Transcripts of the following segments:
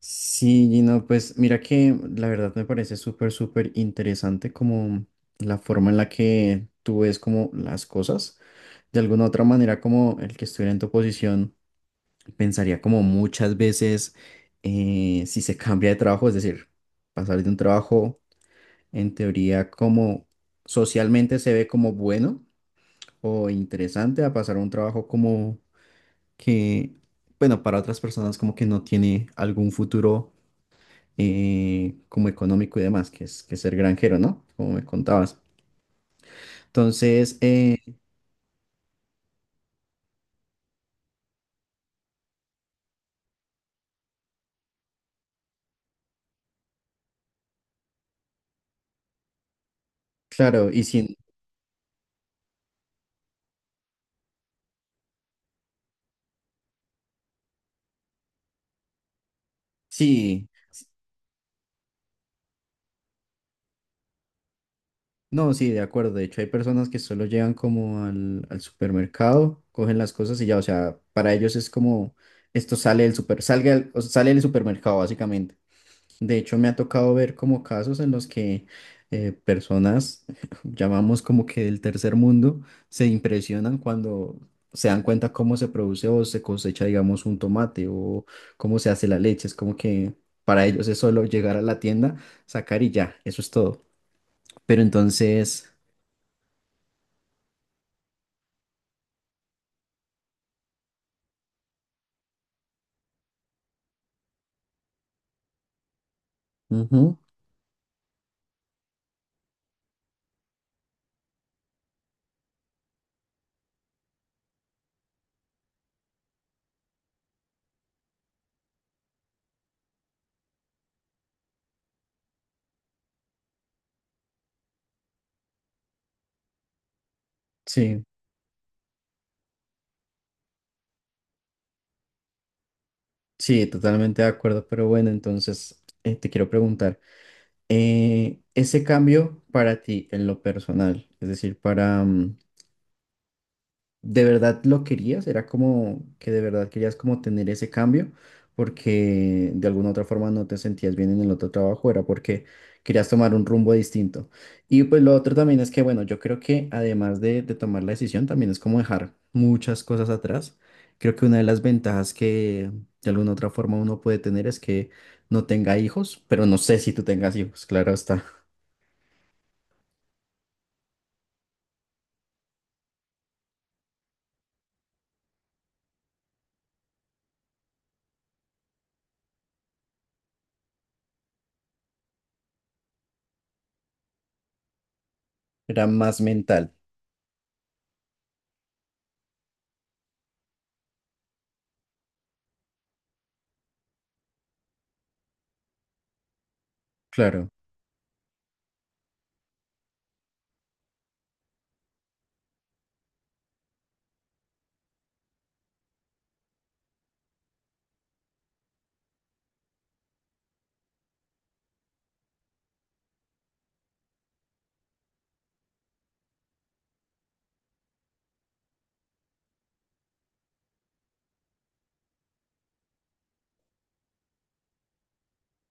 Sí, Gino, pues mira que la verdad me parece súper, súper interesante como la forma en la que tú ves como las cosas. De alguna otra manera, como el que estuviera en tu posición, pensaría como muchas veces si se cambia de trabajo, es decir, pasar de un trabajo en teoría como socialmente se ve como bueno o interesante a pasar a un trabajo como que, bueno, para otras personas como que no tiene algún futuro como económico y demás, que es ser granjero, ¿no? Como me contabas. Entonces, claro, y sin, sí, no, sí, de acuerdo. De hecho, hay personas que solo llegan como al supermercado, cogen las cosas y ya, o sea, para ellos es como, esto sale del super, salga, o sea, sale del supermercado, básicamente. De hecho, me ha tocado ver como casos en los que personas, llamamos como que del tercer mundo, se impresionan cuando se dan cuenta cómo se produce o se cosecha, digamos, un tomate o cómo se hace la leche. Es como que para ellos es solo llegar a la tienda, sacar y ya, eso es todo. Pero entonces, ujú, sí, sí, totalmente de acuerdo. Pero bueno, entonces te quiero preguntar, ese cambio para ti en lo personal, es decir, de verdad lo querías, era como que de verdad querías como tener ese cambio, porque de alguna otra forma no te sentías bien en el otro trabajo, era porque querías tomar un rumbo distinto. Y pues lo otro también es que, bueno, yo creo que además de tomar la decisión, también es como dejar muchas cosas atrás. Creo que una de las ventajas que de alguna otra forma uno puede tener es que no tenga hijos, pero no sé si tú tengas hijos, claro está. Era más mental, claro,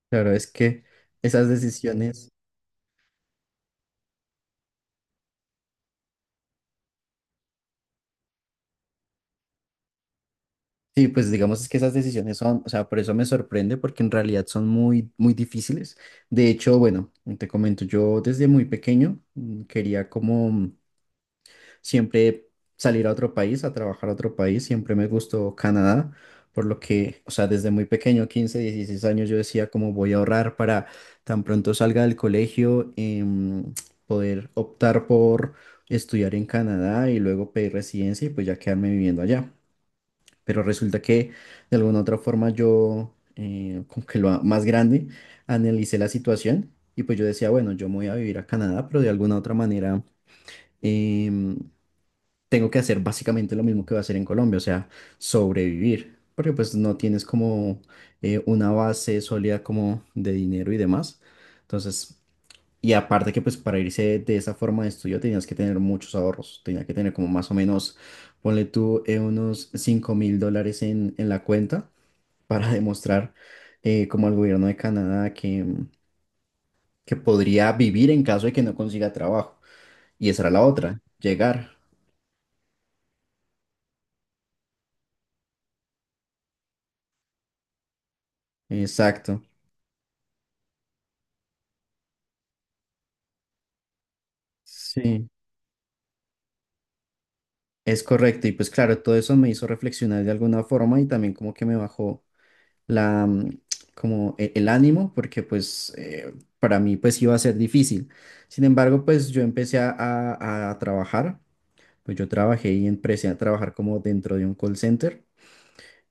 claro, es que esas decisiones... Sí, pues digamos es que esas decisiones son, o sea, por eso me sorprende, porque en realidad son muy, muy difíciles. De hecho, bueno, te comento, yo desde muy pequeño, quería como, siempre salir a otro país, a trabajar a otro país, siempre me gustó Canadá, por lo que, o sea, desde muy pequeño, 15, 16 años, yo decía como voy a ahorrar para tan pronto salga del colegio, poder optar por estudiar en Canadá y luego pedir residencia y pues ya quedarme viviendo allá, pero resulta que de alguna u otra forma yo, como que lo más grande, analicé la situación y pues yo decía, bueno, yo me voy a vivir a Canadá, pero de alguna u otra manera em, tengo que hacer básicamente lo mismo que voy a hacer en Colombia, o sea, sobrevivir, porque pues no tienes como una base sólida como de dinero y demás. Entonces, y aparte que pues para irse de esa forma de estudio tenías que tener muchos ahorros, tenía que tener como más o menos, ponle tú, unos $5000 en la cuenta para demostrar como al gobierno de Canadá que podría vivir en caso de que no consiga trabajo. Y esa era la otra, llegar. Exacto. Sí, es correcto. Y pues claro, todo eso me hizo reflexionar de alguna forma y también como que me bajó la, como el ánimo, porque pues para mí pues iba a ser difícil. Sin embargo, pues yo empecé a trabajar, pues yo trabajé y empecé a trabajar como dentro de un call center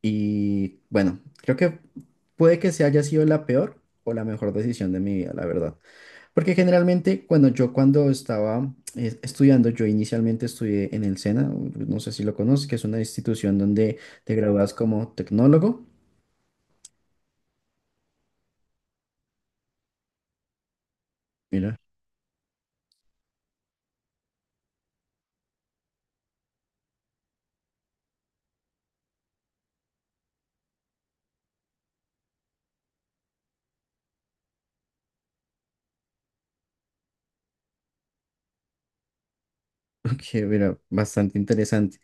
y bueno, creo que puede que se haya sido la peor o la mejor decisión de mi vida, la verdad. Porque generalmente cuando yo cuando estaba estudiando, yo inicialmente estudié en el SENA, no sé si lo conoces, que es una institución donde te gradúas como tecnólogo. Mira, ok, mira, bastante interesante.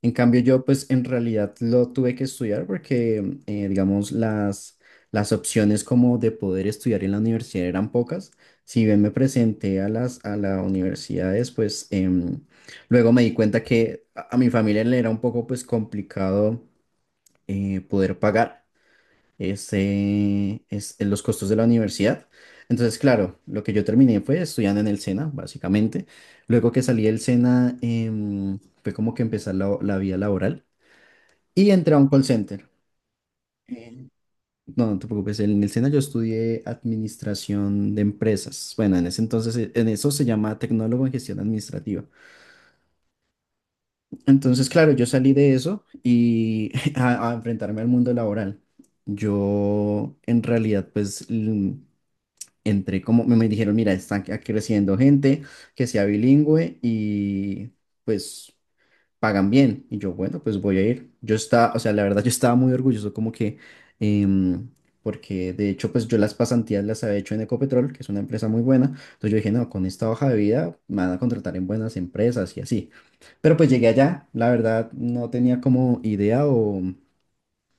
En cambio, yo pues en realidad lo tuve que estudiar porque, digamos, las opciones como de poder estudiar en la universidad eran pocas. Si bien me presenté a las universidades, pues luego me di cuenta que a mi familia le era un poco pues complicado poder pagar los costos de la universidad. Entonces, claro, lo que yo terminé fue estudiando en el SENA, básicamente. Luego que salí del SENA, fue como que empecé la vida laboral y entré a un call center. Eh, No, no te preocupes, en el SENA yo estudié administración de empresas. Bueno, en ese entonces, en eso se llama tecnólogo en gestión administrativa. Entonces, claro, yo salí de eso y a enfrentarme al mundo laboral. Yo, en realidad, entré como, me dijeron, mira, están creciendo gente que sea bilingüe y pues pagan bien. Y yo, bueno, pues voy a ir. Yo estaba, o sea, la verdad yo estaba muy orgulloso como que, em, porque de hecho pues yo las pasantías las había hecho en Ecopetrol, que es una empresa muy buena. Entonces yo dije, no, con esta hoja de vida me van a contratar en buenas empresas y así. Pero pues llegué allá, la verdad no tenía como idea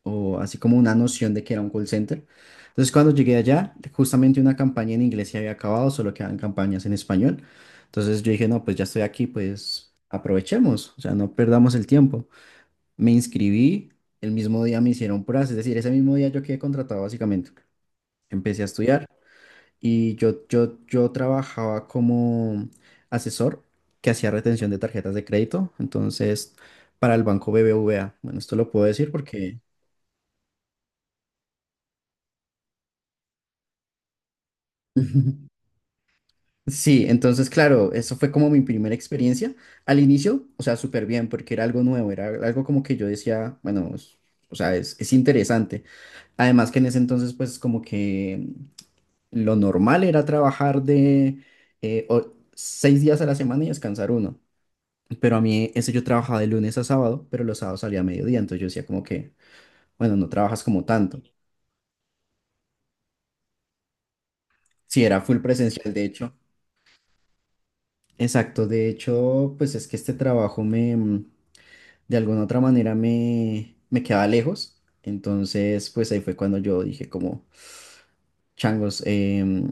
o así como una noción de que era un call center. Entonces, cuando llegué allá, justamente una campaña en inglés se había acabado, solo quedaban campañas en español. Entonces yo dije, no, pues ya estoy aquí, pues aprovechemos, o sea, no perdamos el tiempo. Me inscribí, el mismo día me hicieron pruebas, es decir, ese mismo día yo quedé contratado básicamente. Empecé a estudiar y yo trabajaba como asesor que hacía retención de tarjetas de crédito, entonces para el banco BBVA. Bueno, esto lo puedo decir porque... Sí, entonces, claro, eso fue como mi primera experiencia. Al inicio, o sea, súper bien, porque era algo nuevo, era algo como que yo decía, bueno, o sea, es interesante. Además que en ese entonces, pues como que lo normal era trabajar de seis días a la semana y descansar uno. Pero a mí, ese yo trabajaba de lunes a sábado, pero los sábados salía a mediodía, entonces yo decía como que, bueno, no trabajas como tanto. Sí, era full presencial, de hecho. Exacto, de hecho, pues es que este trabajo me, de alguna otra manera me quedaba lejos. Entonces, pues ahí fue cuando yo dije como, changos,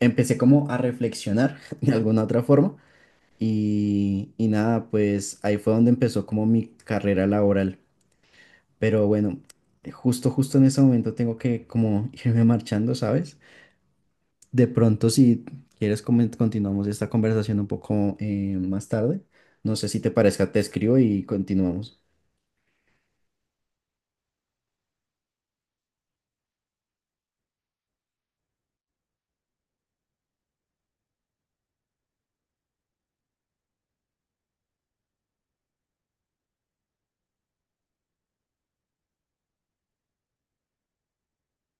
empecé como a reflexionar de alguna otra forma. Y nada, pues ahí fue donde empezó como mi carrera laboral. Pero bueno, justo en ese momento tengo que como irme marchando, ¿sabes? De pronto, si quieres, continuamos esta conversación un poco más tarde. No sé si te parezca, te escribo y continuamos.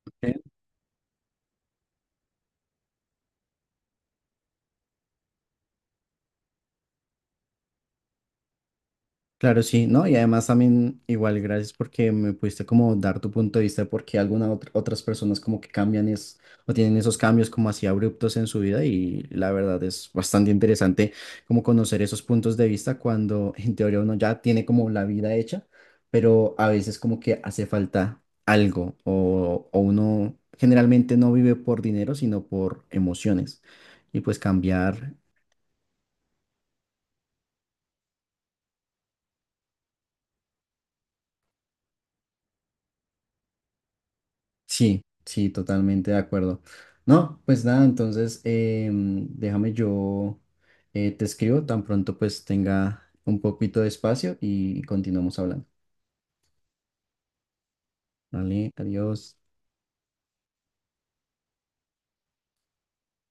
Ok, claro, sí, ¿no? Y además también igual gracias porque me pudiste como dar tu punto de vista de por qué algunas otras personas como que cambian es, o tienen esos cambios como así abruptos en su vida y la verdad es bastante interesante como conocer esos puntos de vista cuando en teoría uno ya tiene como la vida hecha, pero a veces como que hace falta algo o uno generalmente no vive por dinero sino por emociones y pues cambiar. Sí, sí, totalmente de acuerdo. No, pues nada, entonces déjame yo te escribo tan pronto pues tenga un poquito de espacio y continuamos hablando. Vale, adiós.